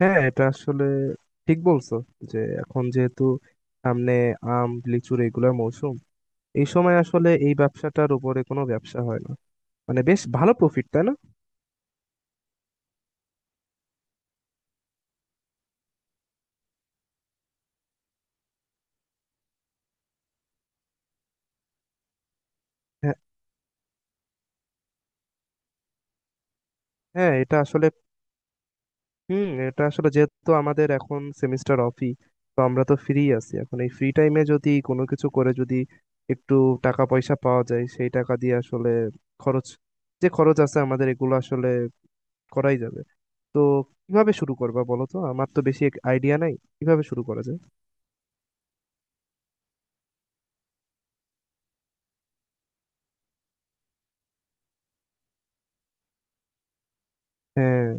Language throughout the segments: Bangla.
হ্যাঁ, এটা আসলে ঠিক বলছো যে এখন যেহেতু সামনে আম লিচুর এগুলোর মৌসুম, এই সময় আসলে এই ব্যবসাটার উপরে কোনো ব্যবসা হয় না, মানে বেশ ভালো প্রফিট, তাই না? হ্যাঁ, হ্যাঁ, এটা আসলে এটা আসলে, যেহেতু আমাদের এখন সেমিস্টার অফই, তো আমরা তো ফ্রি আছি। এখন এই ফ্রি টাইমে যদি কোনো কিছু করে যদি একটু টাকা পয়সা পাওয়া যায়, সেই টাকা দিয়ে আসলে খরচ, যে খরচ আছে আমাদের, এগুলো আসলে করাই যাবে। তো কিভাবে শুরু করবা বলো তো? আমার তো বেশি আইডিয়া নাই কিভাবে শুরু করা যায়। হ্যাঁ,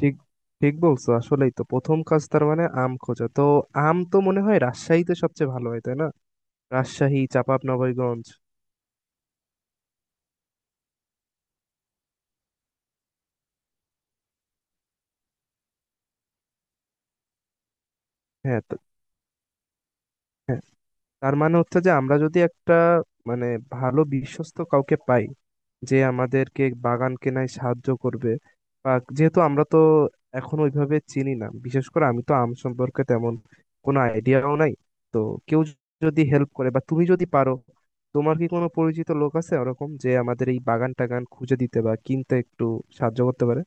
ঠিক ঠিক বলছো, আসলেই তো প্রথম কাজ তার মানে আম খোঁজা। তো আম তো মনে হয় রাজশাহীতে সবচেয়ে ভালো হয়, তাই না? রাজশাহী, চাঁপাবনগরগঞ্জ। হ্যাঁ তো- হ্যাঁ, তার মানে হচ্ছে যে আমরা যদি একটা মানে ভালো বিশ্বস্ত কাউকে পাই, যে আমাদেরকে বাগান কেনায় সাহায্য করবে, বা যেহেতু আমরা তো এখন ওইভাবে চিনি না, বিশেষ করে আমি তো আম সম্পর্কে তেমন কোনো আইডিয়াও নাই। তো কেউ যদি হেল্প করে, বা তুমি যদি পারো, তোমার কি কোনো পরিচিত লোক আছে ওরকম যে আমাদের এই বাগান টাগান খুঁজে দিতে বা কিনতে একটু সাহায্য করতে পারে?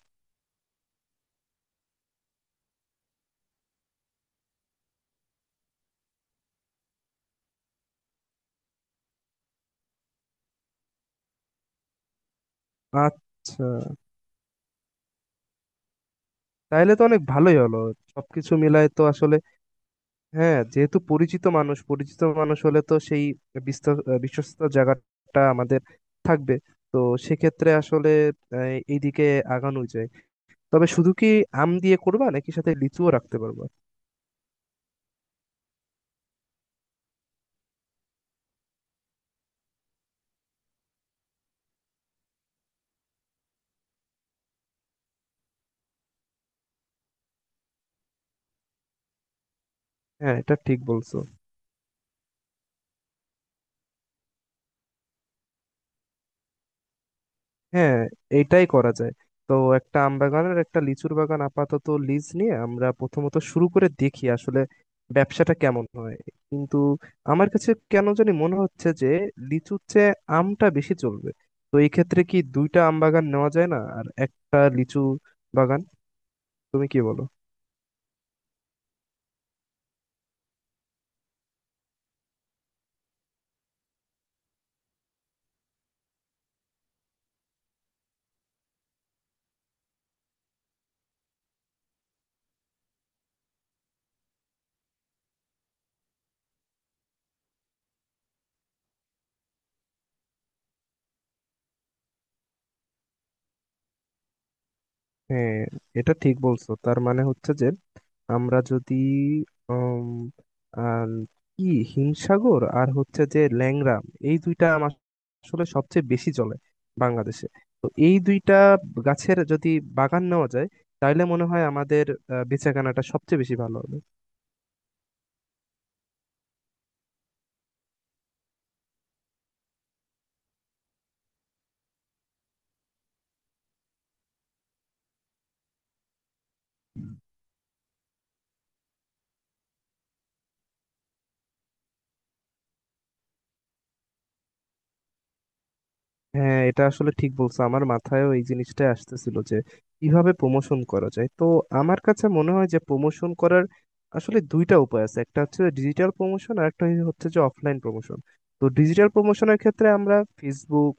আচ্ছা, তাহলে তো অনেক ভালোই হলো, সবকিছু মিলায় তো আসলে। হ্যাঁ, যেহেতু পরিচিত মানুষ, পরিচিত মানুষ হলে তো সেই বিশ্বস্ত জায়গাটা আমাদের থাকবে। তো সেক্ষেত্রে আসলে এইদিকে আগানো যায়। তবে শুধু কি আম দিয়ে করবা নাকি সাথে লিচুও রাখতে পারবা? হ্যাঁ, এটা ঠিক বলছো। হ্যাঁ, এইটাই করা যায়। তো একটা আম বাগানের, একটা লিচুর বাগান আপাতত লিজ নিয়ে আমরা প্রথমত শুরু করে দেখি আসলে ব্যবসাটা কেমন হয়। কিন্তু আমার কাছে কেন জানি মনে হচ্ছে যে লিচুর চেয়ে আমটা বেশি চলবে। তো এই ক্ষেত্রে কি দুইটা আম বাগান নেওয়া যায় না আর একটা লিচু বাগান? তুমি কি বলো? হ্যাঁ, এটা ঠিক বলছো, তার মানে হচ্ছে যে আমরা যদি উম, আর কি হিমসাগর আর হচ্ছে যে ল্যাংড়া, এই দুইটা আম আসলে সবচেয়ে বেশি চলে বাংলাদেশে। তো এই দুইটা গাছের যদি বাগান নেওয়া যায়, তাহলে মনে হয় আমাদের বেচাকেনাটা সবচেয়ে বেশি ভালো হবে। হ্যাঁ, এটা আসলে ঠিক বলছো, আমার মাথায়ও এই জিনিসটা আসতেছিল যে কিভাবে প্রমোশন করা যায়। তো আমার কাছে মনে হয় যে প্রমোশন করার আসলে দুইটা উপায় আছে। একটা হচ্ছে ডিজিটাল প্রমোশন আর একটা হচ্ছে যে অফলাইন প্রমোশন। তো ডিজিটাল প্রমোশনের ক্ষেত্রে আমরা ফেসবুক,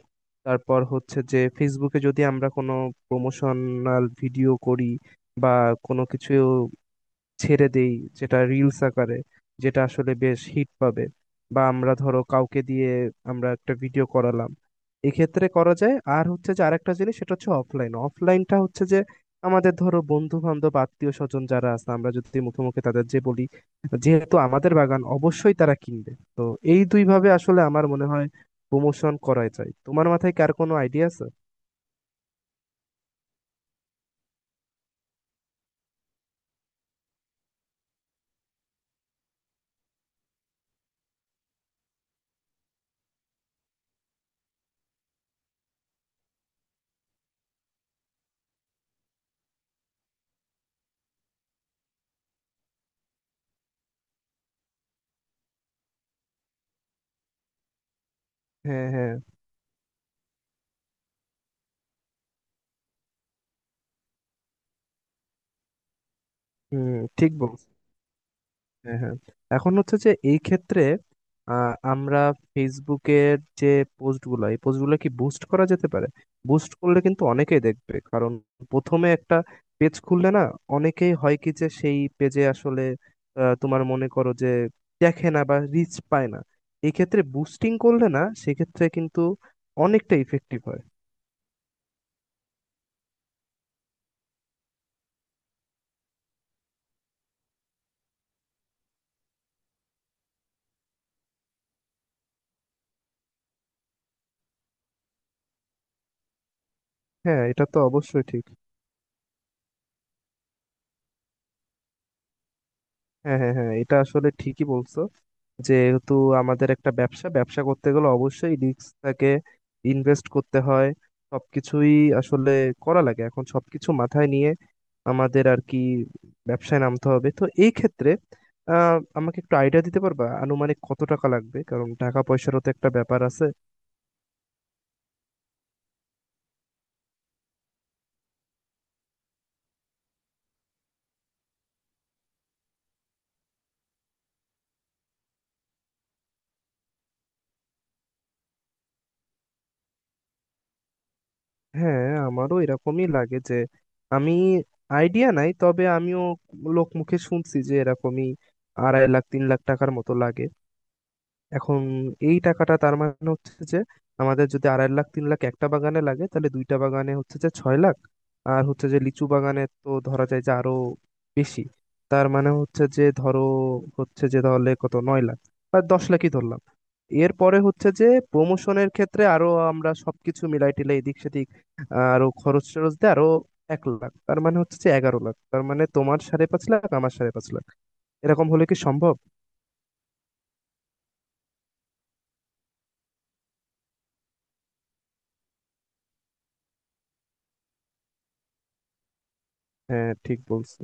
তারপর হচ্ছে যে ফেসবুকে যদি আমরা কোনো প্রমোশনাল ভিডিও করি, বা কোনো কিছু ছেড়ে দেই যেটা রিলস আকারে, যেটা আসলে বেশ হিট পাবে, বা আমরা ধরো কাউকে দিয়ে আমরা একটা ভিডিও করালাম, এক্ষেত্রে করা যায়। আর হচ্ছে যে আরেকটা জিনিস, সেটা হচ্ছে অফলাইন। অফলাইনটা হচ্ছে যে আমাদের ধরো বন্ধু বান্ধব আত্মীয় স্বজন যারা আছে, আমরা যদি মুখে মুখে তাদের যে বলি, যেহেতু আমাদের বাগান, অবশ্যই তারা কিনবে। তো এই দুই ভাবে আসলে আমার মনে হয় প্রমোশন করাই যায়। তোমার মাথায় কার কোনো আইডিয়া আছে? হ্যাঁ, হ্যাঁ। হুম, ঠিক বল। হ্যাঁ, হ্যাঁ, এখন হচ্ছে যে এই ক্ষেত্রে আমরা ফেসবুকের যে পোস্টগুলো, এই পোস্টগুলো কি বুস্ট করা যেতে পারে? বুস্ট করলে কিন্তু অনেকেই দেখবে, কারণ প্রথমে একটা পেজ খুললে না, অনেকেই হয় কি যে সেই পেজে আসলে তোমার মনে করো যে দেখে না বা রিচ পায় না। এই ক্ষেত্রে বুস্টিং করলে না, সেক্ষেত্রে কিন্তু অনেকটা ইফেক্টিভ হয়। হ্যাঁ, এটা তো অবশ্যই ঠিক। হ্যাঁ, হ্যাঁ, হ্যাঁ, এটা আসলে ঠিকই বলছো। যেহেতু আমাদের একটা ব্যবসা, ব্যবসা করতে গেলে অবশ্যই রিস্ক থাকে, ইনভেস্ট করতে হয়, সবকিছুই আসলে করা লাগে। এখন সবকিছু মাথায় নিয়ে আমাদের আর কি ব্যবসায় নামতে হবে। তো এই ক্ষেত্রে আহ, আমাকে একটু আইডিয়া দিতে পারবা আনুমানিক কত টাকা লাগবে? কারণ টাকা পয়সারও তো একটা ব্যাপার আছে। হ্যাঁ, আমারও এরকমই লাগে যে আমি আইডিয়া নাই, তবে আমিও লোক মুখে শুনছি যে এরকমই 2.5 লাখ 3 লাখ টাকার মতো লাগে। এখন এই টাকাটা, তার মানে হচ্ছে যে আমাদের যদি 2.5 লাখ 3 লাখ একটা বাগানে লাগে, তাহলে দুইটা বাগানে হচ্ছে যে 6 লাখ, আর হচ্ছে যে লিচু বাগানে তো ধরা যায় যে আরো বেশি। তার মানে হচ্ছে যে ধরো হচ্ছে যে তাহলে কত, 9 লাখ বা 10 লাখই ধরলাম। এরপরে হচ্ছে যে প্রমোশনের ক্ষেত্রে আরো, আমরা সবকিছু মিলাই টিলাই এদিক সেদিক আরো খরচ টরচ দিয়ে আরো 1 লাখ, তার মানে হচ্ছে যে 11 লাখ, তার মানে তোমার 5.5 লাখ আমার 5.5 লাখ। এরকম হলে কি সম্ভব? হ্যাঁ, ঠিক বলছো।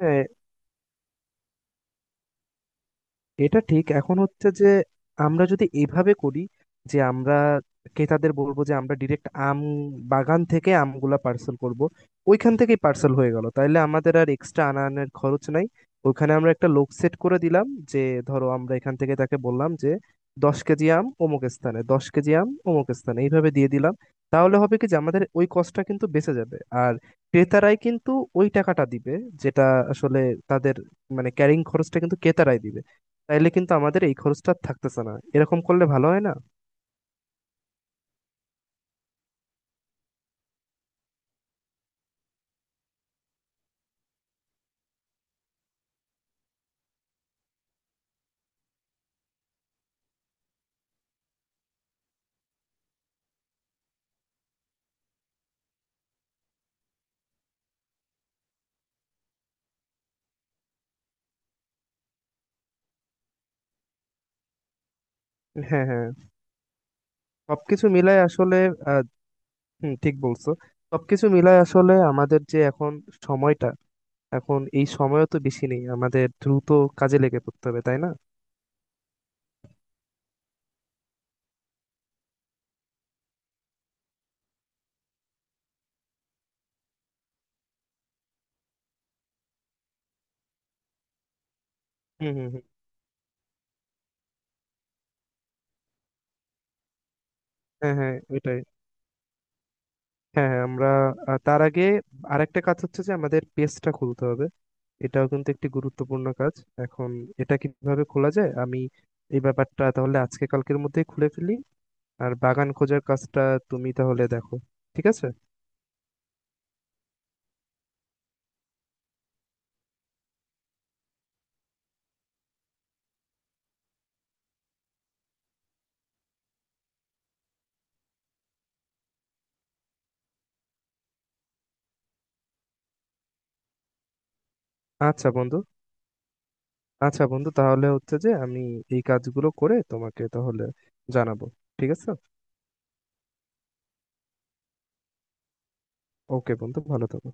হ্যাঁ, এটা ঠিক। এখন হচ্ছে যে আমরা যদি এইভাবে করি যে আমরা ক্রেতাদের বলবো যে আমরা ডিরেক্ট আম বাগান থেকে আমগুলা পার্সেল করব। ওইখান থেকেই পার্সেল হয়ে গেল, তাইলে আমাদের আর এক্সট্রা আনা আনার খরচ নাই। ওইখানে আমরা একটা লোক সেট করে দিলাম, যে ধরো আমরা এখান থেকে তাকে বললাম যে 10 কেজি আম অমুক স্থানে, 10 কেজি আম অমুক স্থানে, এইভাবে দিয়ে দিলাম। তাহলে হবে কি যে আমাদের ওই কষ্টটা কিন্তু বেঁচে যাবে, আর ক্রেতারাই কিন্তু ওই টাকাটা দিবে, যেটা আসলে তাদের মানে ক্যারিং খরচটা কিন্তু ক্রেতারাই দিবে। তাইলে কিন্তু আমাদের এই খরচটা আর থাকতেছে না। এরকম করলে ভালো হয় না? হ্যাঁ, হ্যাঁ, সবকিছু মিলায় আসলে আহ, হুম, ঠিক বলছো। সবকিছু মিলায় আসলে আমাদের যে এখন সময়টা, এখন এই সময়ও তো বেশি নেই, আমাদের দ্রুত কাজে লেগে পড়তে হবে, তাই না? হুম, হুম, হুম। হ্যাঁ, হ্যাঁ, ওইটাই। হ্যাঁ, হ্যাঁ, আমরা তার আগে আরেকটা কাজ হচ্ছে যে আমাদের পেজটা খুলতে হবে, এটাও কিন্তু একটি গুরুত্বপূর্ণ কাজ। এখন এটা কিভাবে খোলা যায় আমি, এই ব্যাপারটা তাহলে আজকে কালকের মধ্যেই খুলে ফেলি, আর বাগান খোঁজার কাজটা তুমি তাহলে দেখো, ঠিক আছে? আচ্ছা বন্ধু, আচ্ছা বন্ধু, তাহলে হচ্ছে যে আমি এই কাজগুলো করে তোমাকে তাহলে জানাবো, ঠিক আছে? ওকে বন্ধু, ভালো থাকো।